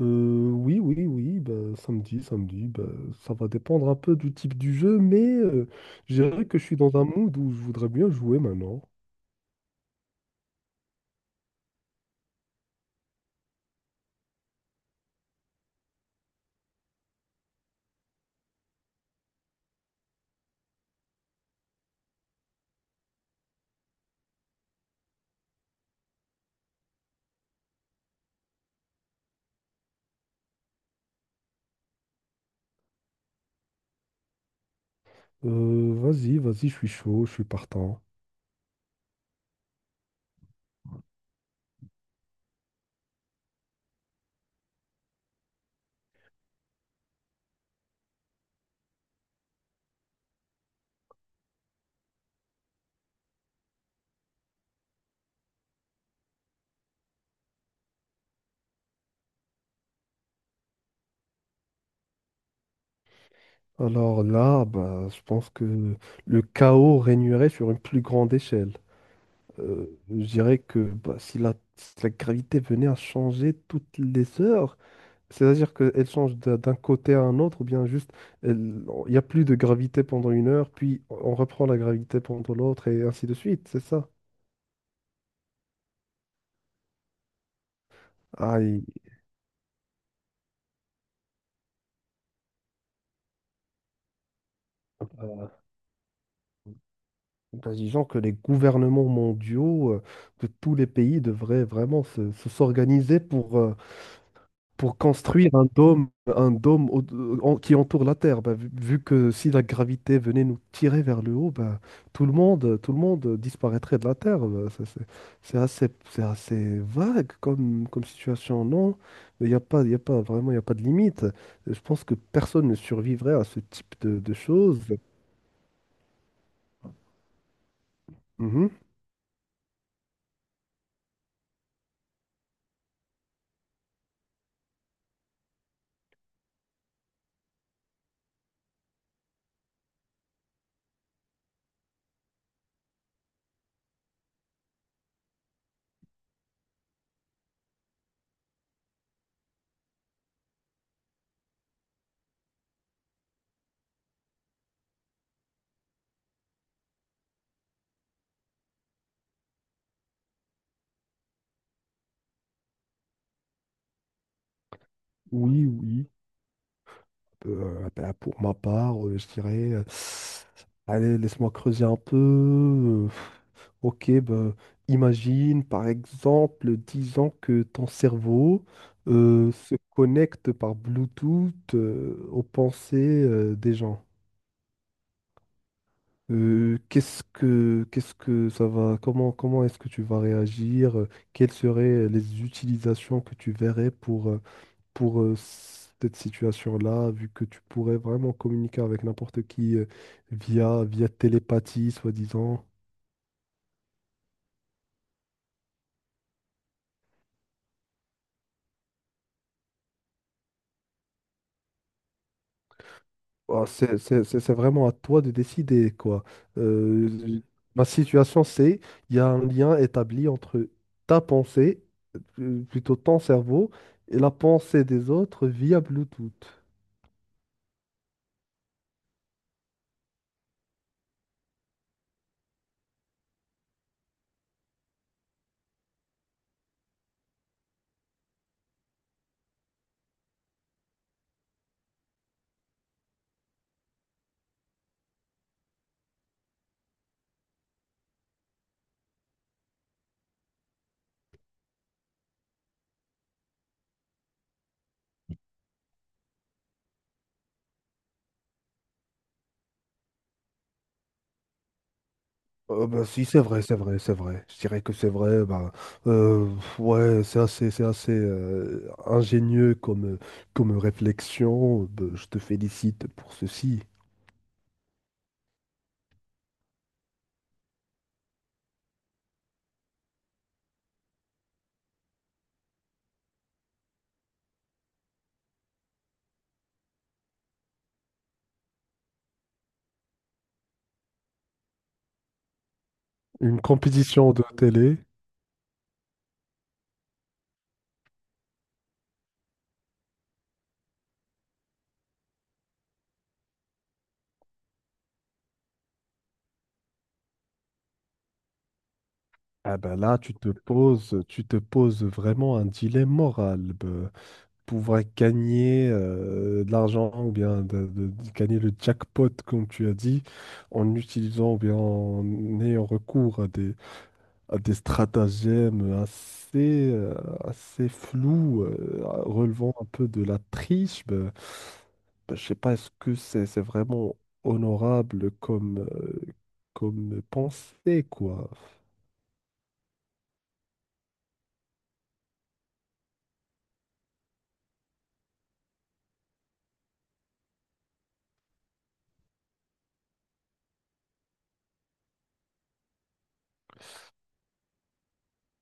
Oui, oui, oui, bah, samedi, bah, ça va dépendre un peu du type du jeu, mais je dirais que je suis dans un mood où je voudrais bien jouer maintenant. Vas-y, je suis chaud, je suis partant. Alors là, bah, je pense que le chaos régnerait sur une plus grande échelle. Je dirais que bah, si la gravité venait à changer toutes les heures, c'est-à-dire qu'elle change d'un côté à un autre, ou bien juste, il n'y a plus de gravité pendant une heure, puis on reprend la gravité pendant l'autre, et ainsi de suite, c'est ça. Ah, et bah, disons que les gouvernements mondiaux de tous les pays devraient vraiment s'organiser pour construire un dôme qui entoure la Terre. Bah, vu que si la gravité venait nous tirer vers le haut, bah, tout le monde disparaîtrait de la Terre. Bah, ça, c'est assez vague comme, comme situation, non? Il n'y a pas, il y a pas vraiment, il y a pas de limite. Je pense que personne ne survivrait à ce type de choses. Mhm. Oui, oui. Bah, pour ma part, je dirais, allez, laisse-moi creuser un peu. Ok, ben, imagine par exemple, disons que ton cerveau se connecte par Bluetooth aux pensées des gens. Qu'est-ce que ça va, comment, comment est-ce que tu vas réagir? Quelles seraient les utilisations que tu verrais pour cette situation-là, vu que tu pourrais vraiment communiquer avec n'importe qui via télépathie, soi-disant? Oh, c'est vraiment à toi de décider, quoi. Euh, ma situation, c'est il y a un lien établi entre ta pensée, plutôt ton cerveau, et la pensée des autres via Bluetooth. Bah, si, c'est vrai. Je dirais que c'est vrai. Bah, euh, ouais, c'est assez ingénieux comme, comme réflexion. Bah, je te félicite pour ceci. Une compétition de télé. Ah ben là, tu te poses vraiment un dilemme moral. Ben, pouvoir gagner de l'argent ou bien de gagner le jackpot, comme tu as dit, en utilisant ou bien en ayant recours à des stratagèmes assez, assez flous, relevant un peu de la triche. Ben, ben, je sais pas, est-ce que c'est vraiment honorable comme, comme pensée, quoi?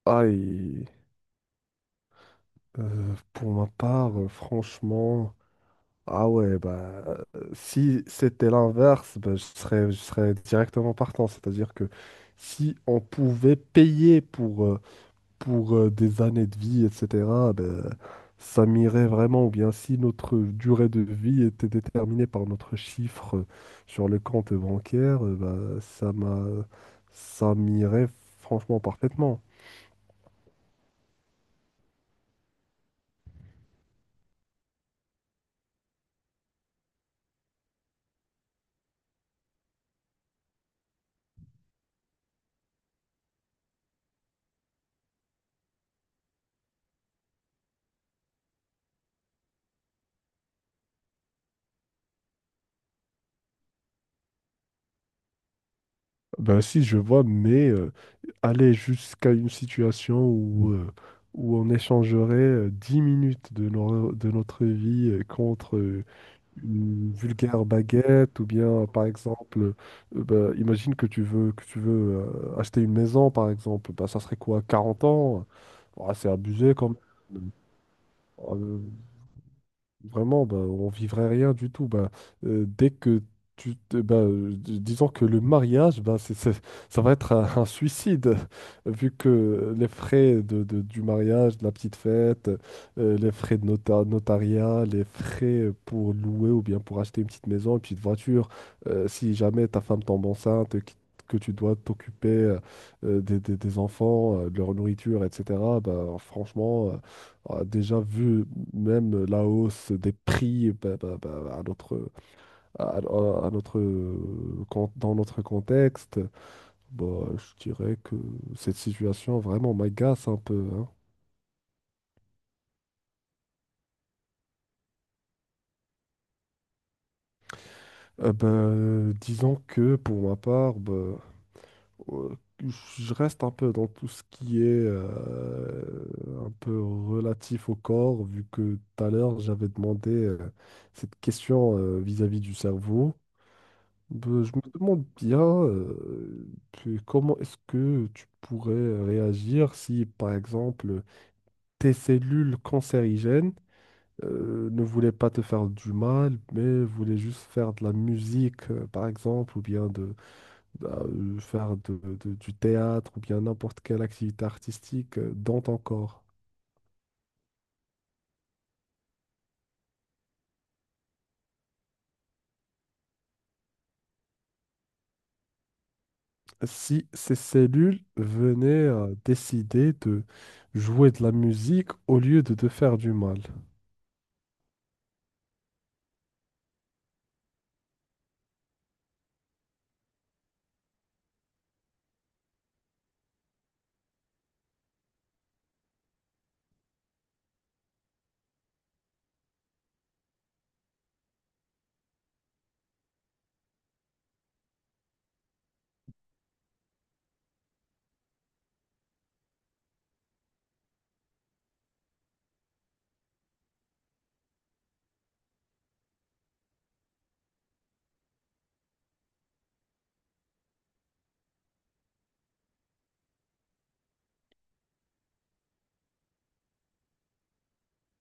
Aïe. Pour ma part, franchement, ah ouais, bah si c'était l'inverse, bah, je serais directement partant. C'est-à-dire que si on pouvait payer pour des années de vie, etc., bah, ça m'irait vraiment. Ou bien si notre durée de vie était déterminée par notre chiffre sur le compte bancaire, bah, ça m'irait franchement parfaitement. Ben si, je vois, mais aller jusqu'à une situation où, où on échangerait 10 minutes de, de notre vie contre une vulgaire baguette, ou bien par exemple, ben, imagine que tu veux acheter une maison, par exemple, ben, ça serait quoi, 40 ans? Ouais, c'est abusé quand même. Ah, vraiment, bah, on vivrait rien du tout. Bah, dès que bah, disons que le mariage, bah, ça va être un suicide, vu que les frais du mariage, de la petite fête, les frais de notariat, les frais pour louer ou bien pour acheter une petite maison, une petite voiture, si jamais ta femme tombe enceinte, que tu dois t'occuper des enfants, de leur nourriture, etc. Bah, franchement. Euh, a déjà vu même la hausse des prix bah, à notre, à notre, dans notre contexte, bah, je dirais que cette situation vraiment m'agace un peu, hein. Ben, disons que pour ma part, ben, euh, je reste un peu dans tout ce qui est un peu relatif au corps, vu que tout à l'heure j'avais demandé cette question vis-à-vis du cerveau. Ben, je me demande bien comment est-ce que tu pourrais réagir si, par exemple, tes cellules cancérigènes ne voulaient pas te faire du mal, mais voulaient juste faire de la musique, par exemple, ou bien de, bah, faire du théâtre, ou bien n'importe quelle activité artistique dans ton corps. Si ces cellules venaient à décider de jouer de la musique au lieu de te faire du mal.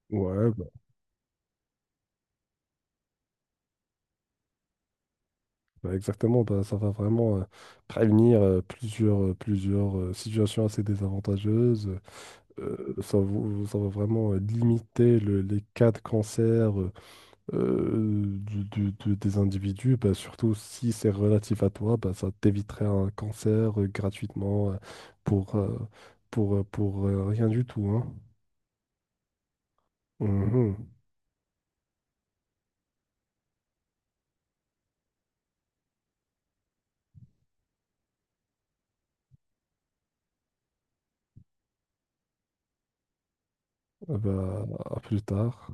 Ouais. Bah, exactement, bah, ça va vraiment prévenir plusieurs, plusieurs situations assez désavantageuses. Ça va vraiment limiter les cas de cancer des individus, bah, surtout si c'est relatif à toi, bah, ça t'éviterait un cancer gratuitement pour, euh, pour rien du tout, hein. Mhm. Bah, à plus tard.